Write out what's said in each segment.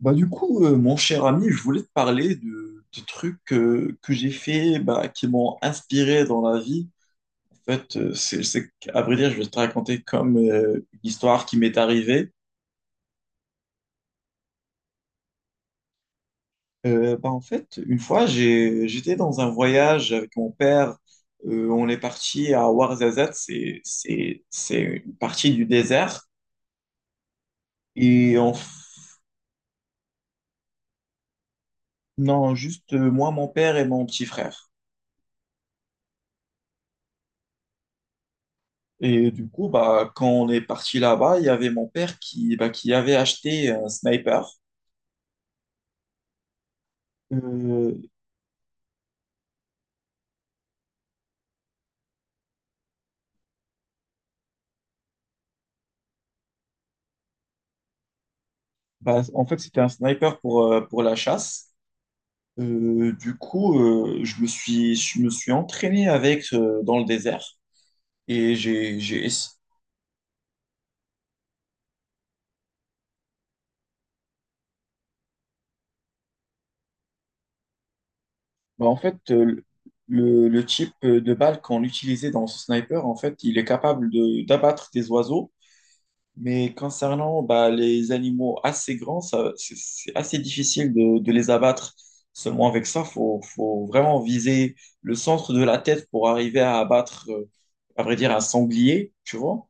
Bah, du coup, mon cher ami, je voulais te parler de trucs que j'ai fait, bah, qui m'ont inspiré dans la vie. En fait, à vrai dire, je vais te raconter comme une histoire qui m'est arrivée. Bah, en fait, une fois, j'étais dans un voyage avec mon père. On est parti à Ouarzazate, c'est une partie du désert. Et on... f- Non, juste moi, mon père et mon petit frère. Et du coup, bah, quand on est parti là-bas, il y avait mon père qui avait acheté un sniper. Euh, Bah, en fait, c'était un sniper pour la chasse. Du coup, je me suis entraîné avec dans le désert. Et j'ai, j'ai... ess- Bah, en fait, le type de balle qu'on utilisait dans ce sniper, en fait, il est capable d'abattre des oiseaux. Mais concernant bah, les animaux assez grands, ça, c'est assez difficile de les abattre seulement avec ça. Faut vraiment viser le centre de la tête pour arriver à abattre, à vrai dire, un sanglier, tu vois?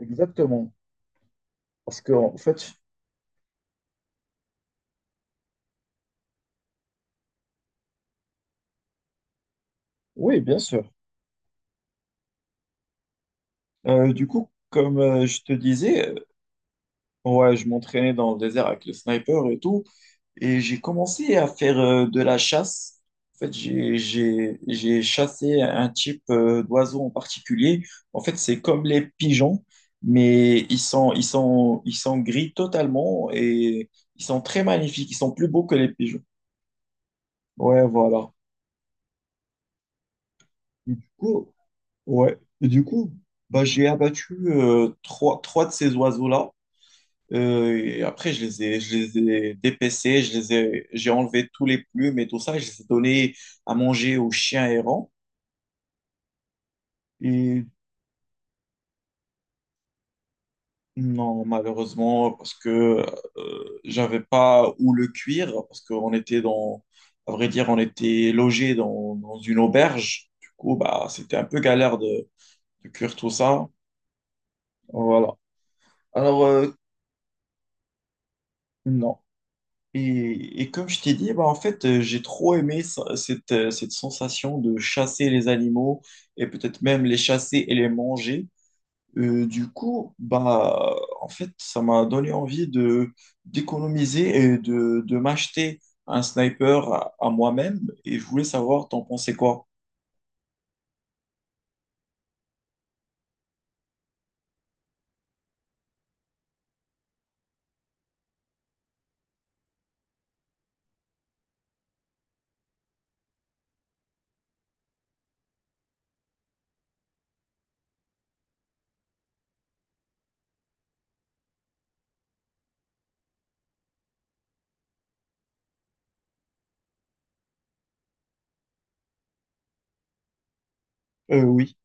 Exactement. Parce que, en fait, oui, bien sûr. Du coup, comme je te disais, ouais, je m'entraînais dans le désert avec le sniper et tout. Et j'ai commencé à faire de la chasse. En fait, j'ai chassé un type d'oiseau en particulier. En fait, c'est comme les pigeons, mais ils sont gris totalement et ils sont très magnifiques. Ils sont plus beaux que les pigeons. Ouais, voilà. Et du coup, ouais. Et du coup, bah, j'ai abattu trois de ces oiseaux-là. Et après, je les ai dépécés, j'ai enlevé tous les plumes et tout ça, je les ai donnés à manger aux chiens errants. Et non, malheureusement, parce que j'avais pas où le cuire, parce qu'on était dans, à vrai dire, on était logé dans, une auberge. Du coup, bah, c'était un peu galère de cuire tout ça. Voilà. Alors, non. Et comme je t'ai dit, bah, en fait, j'ai trop aimé cette sensation de chasser les animaux et peut-être même les chasser et les manger. Du coup, bah, en fait, ça m'a donné envie de d'économiser et de m'acheter un sniper à moi-même. Et je voulais savoir, t'en pensais quoi? Oui.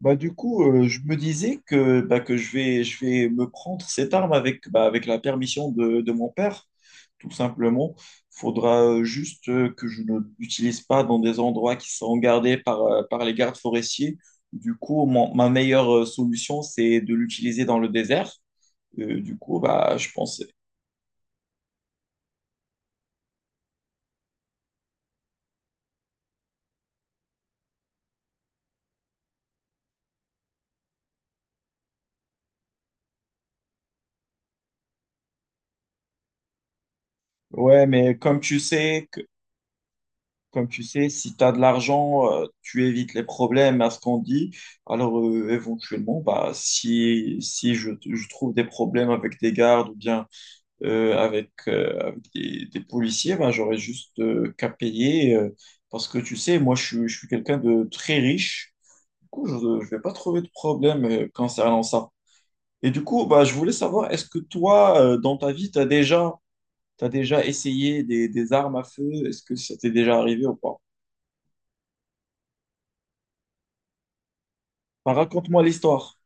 Bah, du coup, je me disais que je vais me prendre cette arme avec la permission de mon père, tout simplement. Faudra juste que je ne l'utilise pas dans des endroits qui sont gardés par les gardes forestiers. Du coup, ma meilleure solution, c'est de l'utiliser dans le désert. Du coup, bah, je pensais. Ouais, mais comme tu sais, Comme tu sais, si tu as de l'argent, tu évites les problèmes à ce qu'on dit. Alors, éventuellement, bah, si je trouve des problèmes avec des gardes ou bien avec des policiers, bah, j'aurais juste qu'à payer. Parce que tu sais, moi, je suis quelqu'un de très riche. Du coup, je ne vais pas trouver de problème concernant ça. Et du coup, bah, je voulais savoir, est-ce que toi, dans ta vie, t'as déjà essayé des armes à feu? Est-ce que ça t'est déjà arrivé ou pas? Enfin, raconte-moi l'histoire.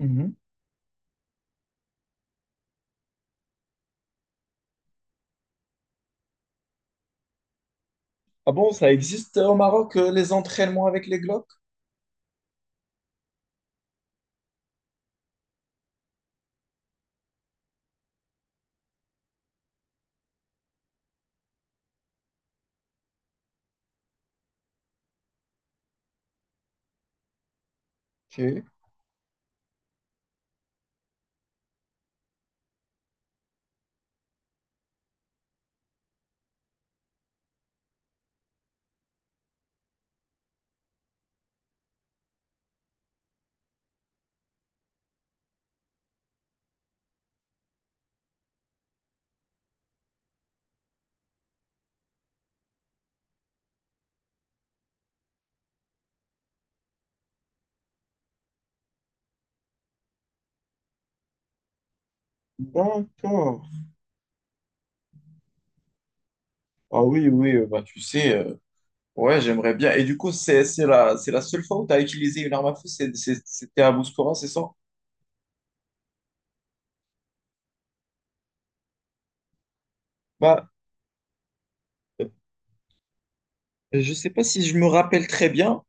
Mhm. Ah bon, ça existe au Maroc, les entraînements avec les Glock? Ok. D'accord. Ah oui, oui, bah tu sais, ouais, j'aimerais bien. Et du coup, c'est la seule fois où tu as utilisé une arme à feu, c'était à Bouskoura, c'est ça? Bah, euh, je sais pas si je me rappelle très bien,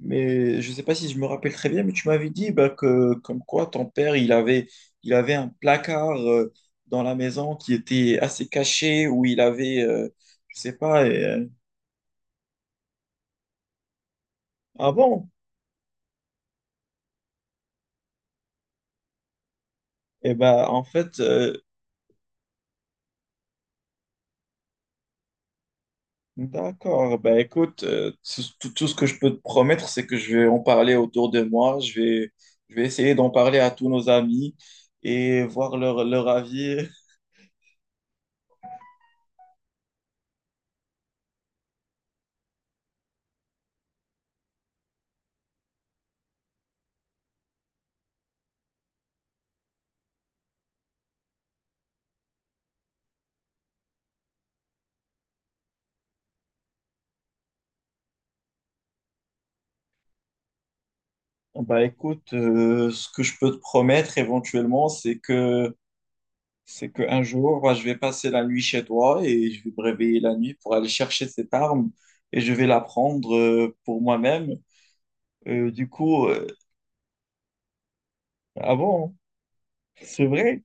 mais je sais pas si je me rappelle très bien, mais tu m'avais dit bah, que comme quoi ton père, il avait un placard dans la maison qui était assez caché, où il avait, je sais pas, et, ah bon? Eh ben, en fait, d'accord. Ben, écoute, tout ce que je peux te promettre, c'est que je vais en parler autour de moi. Je vais essayer d'en parler à tous nos amis et voir leur avis. Bah écoute, ce que je peux te promettre éventuellement, c'est qu'un jour, bah, je vais passer la nuit chez toi et je vais me réveiller la nuit pour aller chercher cette arme et je vais la prendre pour moi-même. Du coup, ah bon, c'est vrai.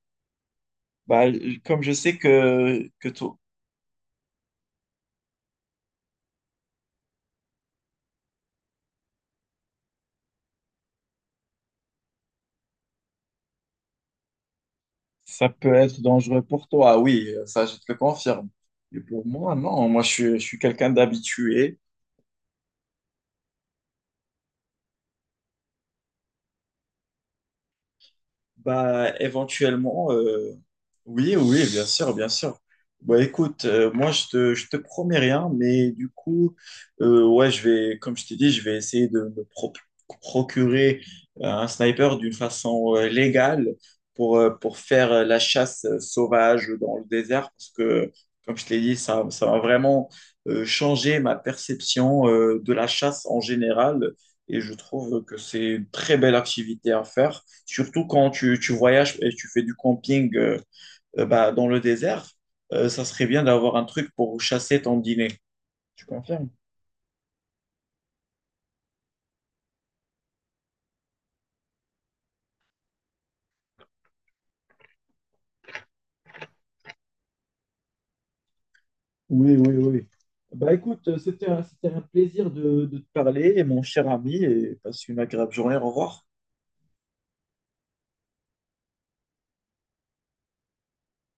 Bah, comme je sais que, ça peut être dangereux pour toi, oui, ça je te le confirme. Et pour moi, non, moi je suis quelqu'un d'habitué. Bah, éventuellement, oui, oui, bien sûr, bien sûr. Bah, écoute, moi, je te promets rien, mais du coup, ouais, comme je t'ai dit, je vais essayer de me procurer un sniper d'une façon légale pour faire la chasse sauvage dans le désert, parce que, comme je t'ai dit, ça va vraiment changer ma perception de la chasse en général, et je trouve que c'est une très belle activité à faire. Surtout quand tu voyages et tu fais du camping bah, dans le désert, ça serait bien d'avoir un truc pour chasser ton dîner. Tu confirmes? Oui, oui, oui. Bah écoute, c'était un plaisir de te parler, mon cher ami, et passe une agréable journée. Au revoir.